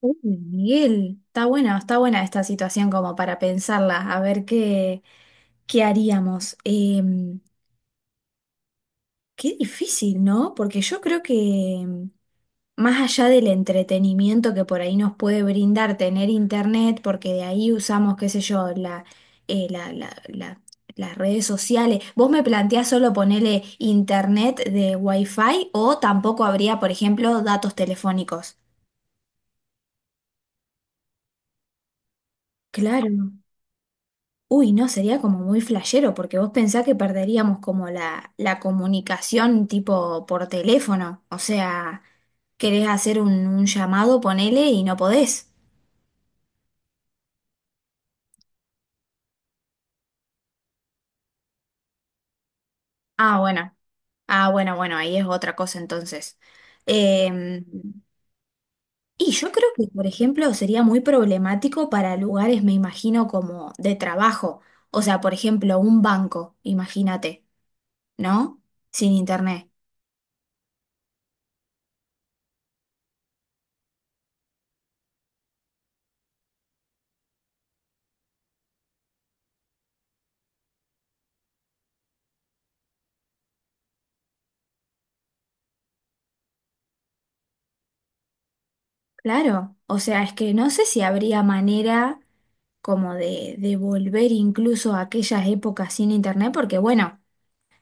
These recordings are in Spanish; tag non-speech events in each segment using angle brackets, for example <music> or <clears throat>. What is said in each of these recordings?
Uy, Miguel, está buena esta situación como para pensarla, a ver qué haríamos. Qué difícil, ¿no? Porque yo creo que em, más allá del entretenimiento que por ahí nos puede brindar tener internet, porque de ahí usamos, qué sé yo, eh, la- la- la- las redes sociales. ¿Vos me planteás solo ponerle internet de Wi-Fi o tampoco habría, por ejemplo, datos telefónicos? Claro. Uy, no, sería como muy flashero, porque vos pensás que perderíamos como la comunicación tipo por teléfono. O sea, querés hacer un llamado, ponele y no podés. Ah, bueno. Ah, bueno, bueno, ahí es otra cosa entonces. Eh, y yo creo que, por ejemplo, sería muy problemático para lugares, me imagino, como de trabajo. O sea, por ejemplo, un banco, imagínate, ¿no? Sin internet. Claro. O sea, es que no sé si habría manera, como de volver incluso a aquellas épocas sin internet, porque bueno,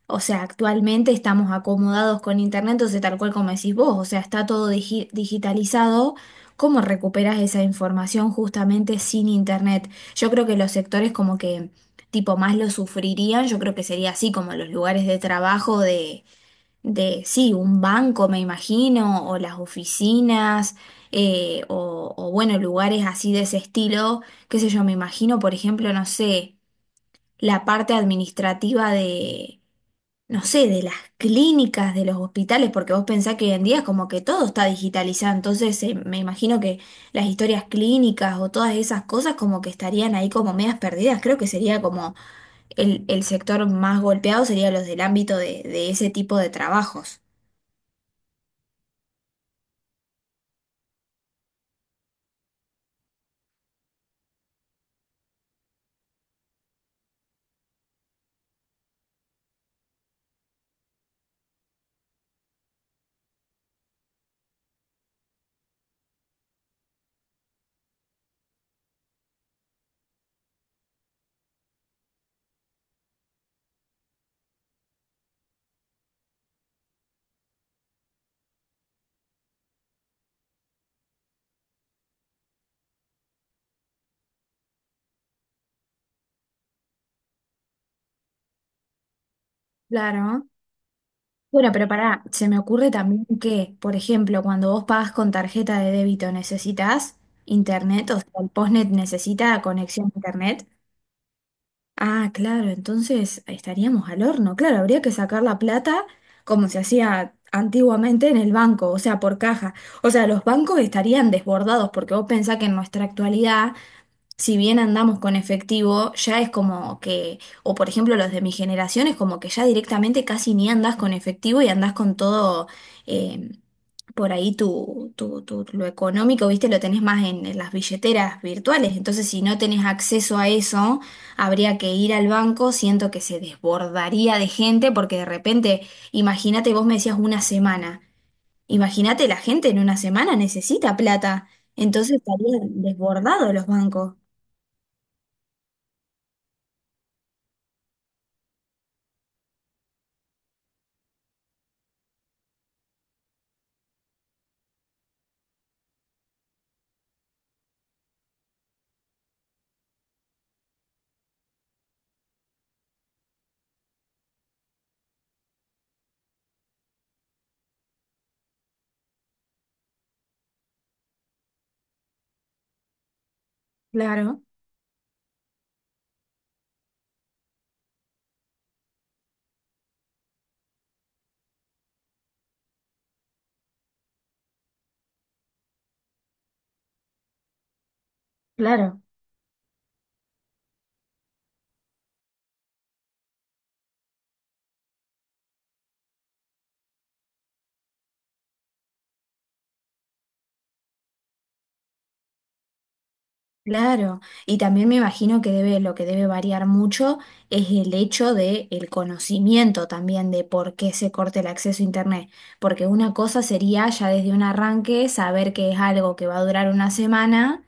o sea, actualmente estamos acomodados con internet, entonces tal cual como decís vos, o sea, está todo digitalizado. ¿Cómo recuperas esa información justamente sin internet? Yo creo que los sectores como que tipo más lo sufrirían, yo creo que sería así como los lugares de trabajo de, sí, un banco, me imagino, o las oficinas, o, bueno, lugares así de ese estilo, qué sé yo, me imagino, por ejemplo, no sé, la parte administrativa no sé, de las clínicas, de los hospitales, porque vos pensás que hoy en día es como que todo está digitalizado, entonces me imagino que las historias clínicas o todas esas cosas como que estarían ahí como medias perdidas, creo que sería como el sector más golpeado sería los del ámbito de ese tipo de trabajos. Claro. Bueno, pero pará, se me ocurre también que, por ejemplo, cuando vos pagas con tarjeta de débito, ¿necesitas internet? O sea, el postnet necesita conexión a internet. Ah, claro, entonces estaríamos al horno. Claro, habría que sacar la plata como se hacía antiguamente en el banco, o sea, por caja. O sea, los bancos estarían desbordados porque vos pensás que en nuestra actualidad si bien andamos con efectivo, ya es como que, o por ejemplo los de mi generación, es como que ya directamente casi ni andás con efectivo y andás con todo eh, por ahí lo económico, viste, lo tenés más en las billeteras virtuales. Entonces, si no tenés acceso a eso, habría que ir al banco. Siento que se desbordaría de gente porque de repente, imagínate, vos me decías una semana. Imagínate, la gente en una semana necesita plata. Entonces estarían desbordados los bancos. Claro, claro, claro. Y también me imagino que debe, lo que debe variar mucho es el hecho de el conocimiento también de por qué se corta el acceso a internet. Porque una cosa sería ya desde un arranque saber que es algo que va a durar una semana.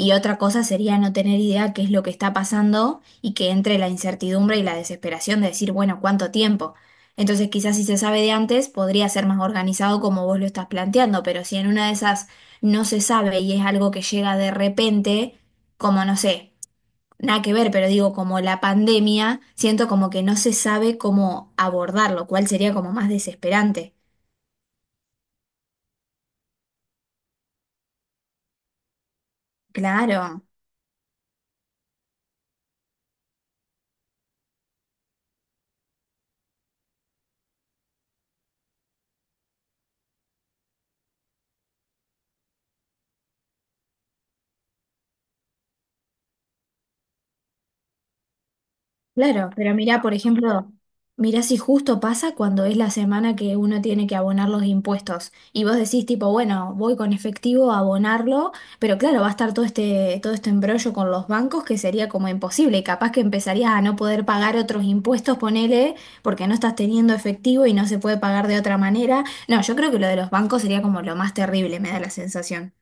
Y otra cosa sería no tener idea qué es lo que está pasando y que entre la incertidumbre y la desesperación de decir, bueno, ¿cuánto tiempo? Entonces quizás si se sabe de antes podría ser más organizado como vos lo estás planteando, pero si en una de esas no se sabe y es algo que llega de repente, como no sé, nada que ver, pero digo como la pandemia, siento como que no se sabe cómo abordarlo, cuál sería como más desesperante. Claro. Claro, pero mirá, por ejemplo, mirá si justo pasa cuando es la semana que uno tiene que abonar los impuestos y vos decís tipo, bueno, voy con efectivo a abonarlo, pero claro, va a estar todo este embrollo con los bancos que sería como imposible y capaz que empezarías a no poder pagar otros impuestos, ponele, porque no estás teniendo efectivo y no se puede pagar de otra manera. No, yo creo que lo de los bancos sería como lo más terrible, me da la sensación.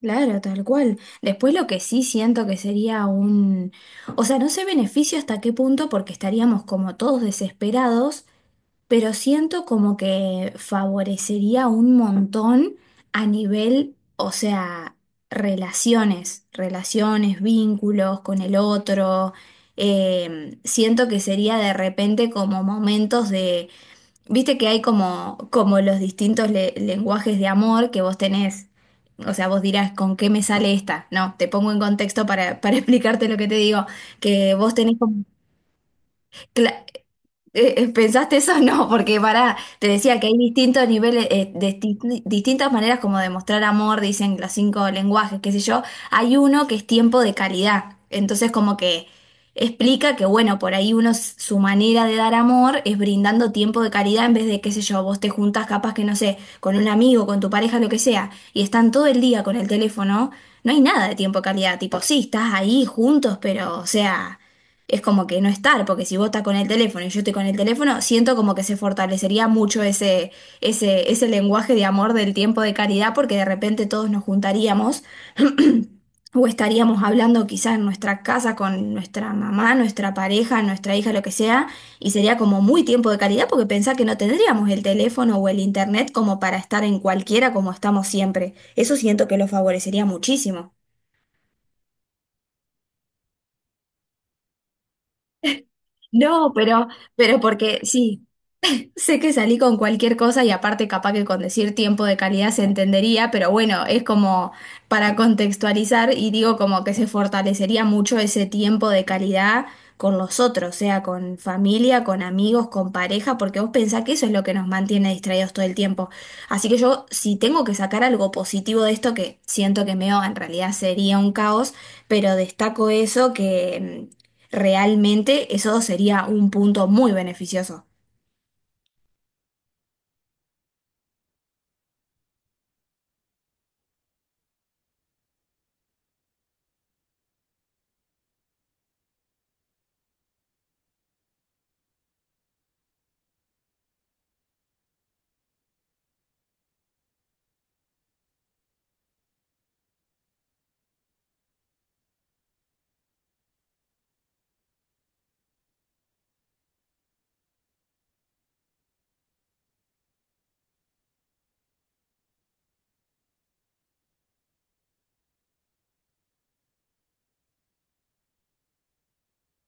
Claro, tal cual. Después lo que sí siento que sería un... O sea, no sé beneficio hasta qué punto porque estaríamos como todos desesperados, pero siento como que favorecería un montón a nivel, o sea, relaciones, relaciones, vínculos con el otro. Siento que sería de repente como momentos de... Viste que hay como, como los distintos lenguajes de amor que vos tenés. O sea, vos dirás, ¿con qué me sale esta? No, te pongo en contexto para <laughs> explicarte lo que te digo. Que vos tenés como... ¿Pensaste eso? <laughs> No, porque para, te decía que hay distintos niveles, distintas maneras como de mostrar amor, dicen los cinco lenguajes, qué sé yo. Hay uno que es tiempo de calidad. Entonces, como que explica que, bueno, por ahí uno, su manera de dar amor es brindando tiempo de calidad en vez de, qué sé yo, vos te juntas capaz que, no sé, con un amigo, con tu pareja, lo que sea, y están todo el día con el teléfono, no hay nada de tiempo de calidad. Tipo, sí, estás ahí juntos, pero, o sea, es como que no estar, porque si vos estás con el teléfono y yo estoy con el teléfono, siento como que se fortalecería mucho ese lenguaje de amor del tiempo de caridad, porque de repente todos nos juntaríamos <clears throat> o estaríamos hablando quizás en nuestra casa con nuestra mamá, nuestra pareja, nuestra hija, lo que sea, y sería como muy tiempo de caridad porque pensá que no tendríamos el teléfono o el internet como para estar en cualquiera como estamos siempre. Eso siento que lo favorecería muchísimo. No, pero porque sí. Sé que salí con cualquier cosa y aparte capaz que con decir tiempo de calidad se entendería, pero bueno, es como para contextualizar y digo como que se fortalecería mucho ese tiempo de calidad con los otros, sea con familia, con amigos, con pareja, porque vos pensás que eso es lo que nos mantiene distraídos todo el tiempo. Así que yo, si tengo que sacar algo positivo de esto, que siento que meo en realidad sería un caos, pero destaco eso que realmente eso sería un punto muy beneficioso.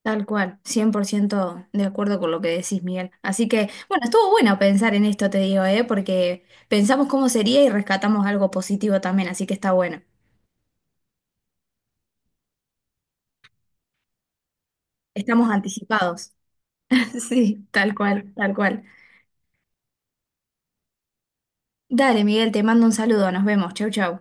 Tal cual, 100% de acuerdo con lo que decís, Miguel. Así que, bueno, estuvo bueno pensar en esto, te digo, ¿eh? Porque pensamos cómo sería y rescatamos algo positivo también, así que está bueno. Estamos anticipados. <laughs> Sí, tal cual, tal cual. Dale, Miguel, te mando un saludo, nos vemos. Chau, chau.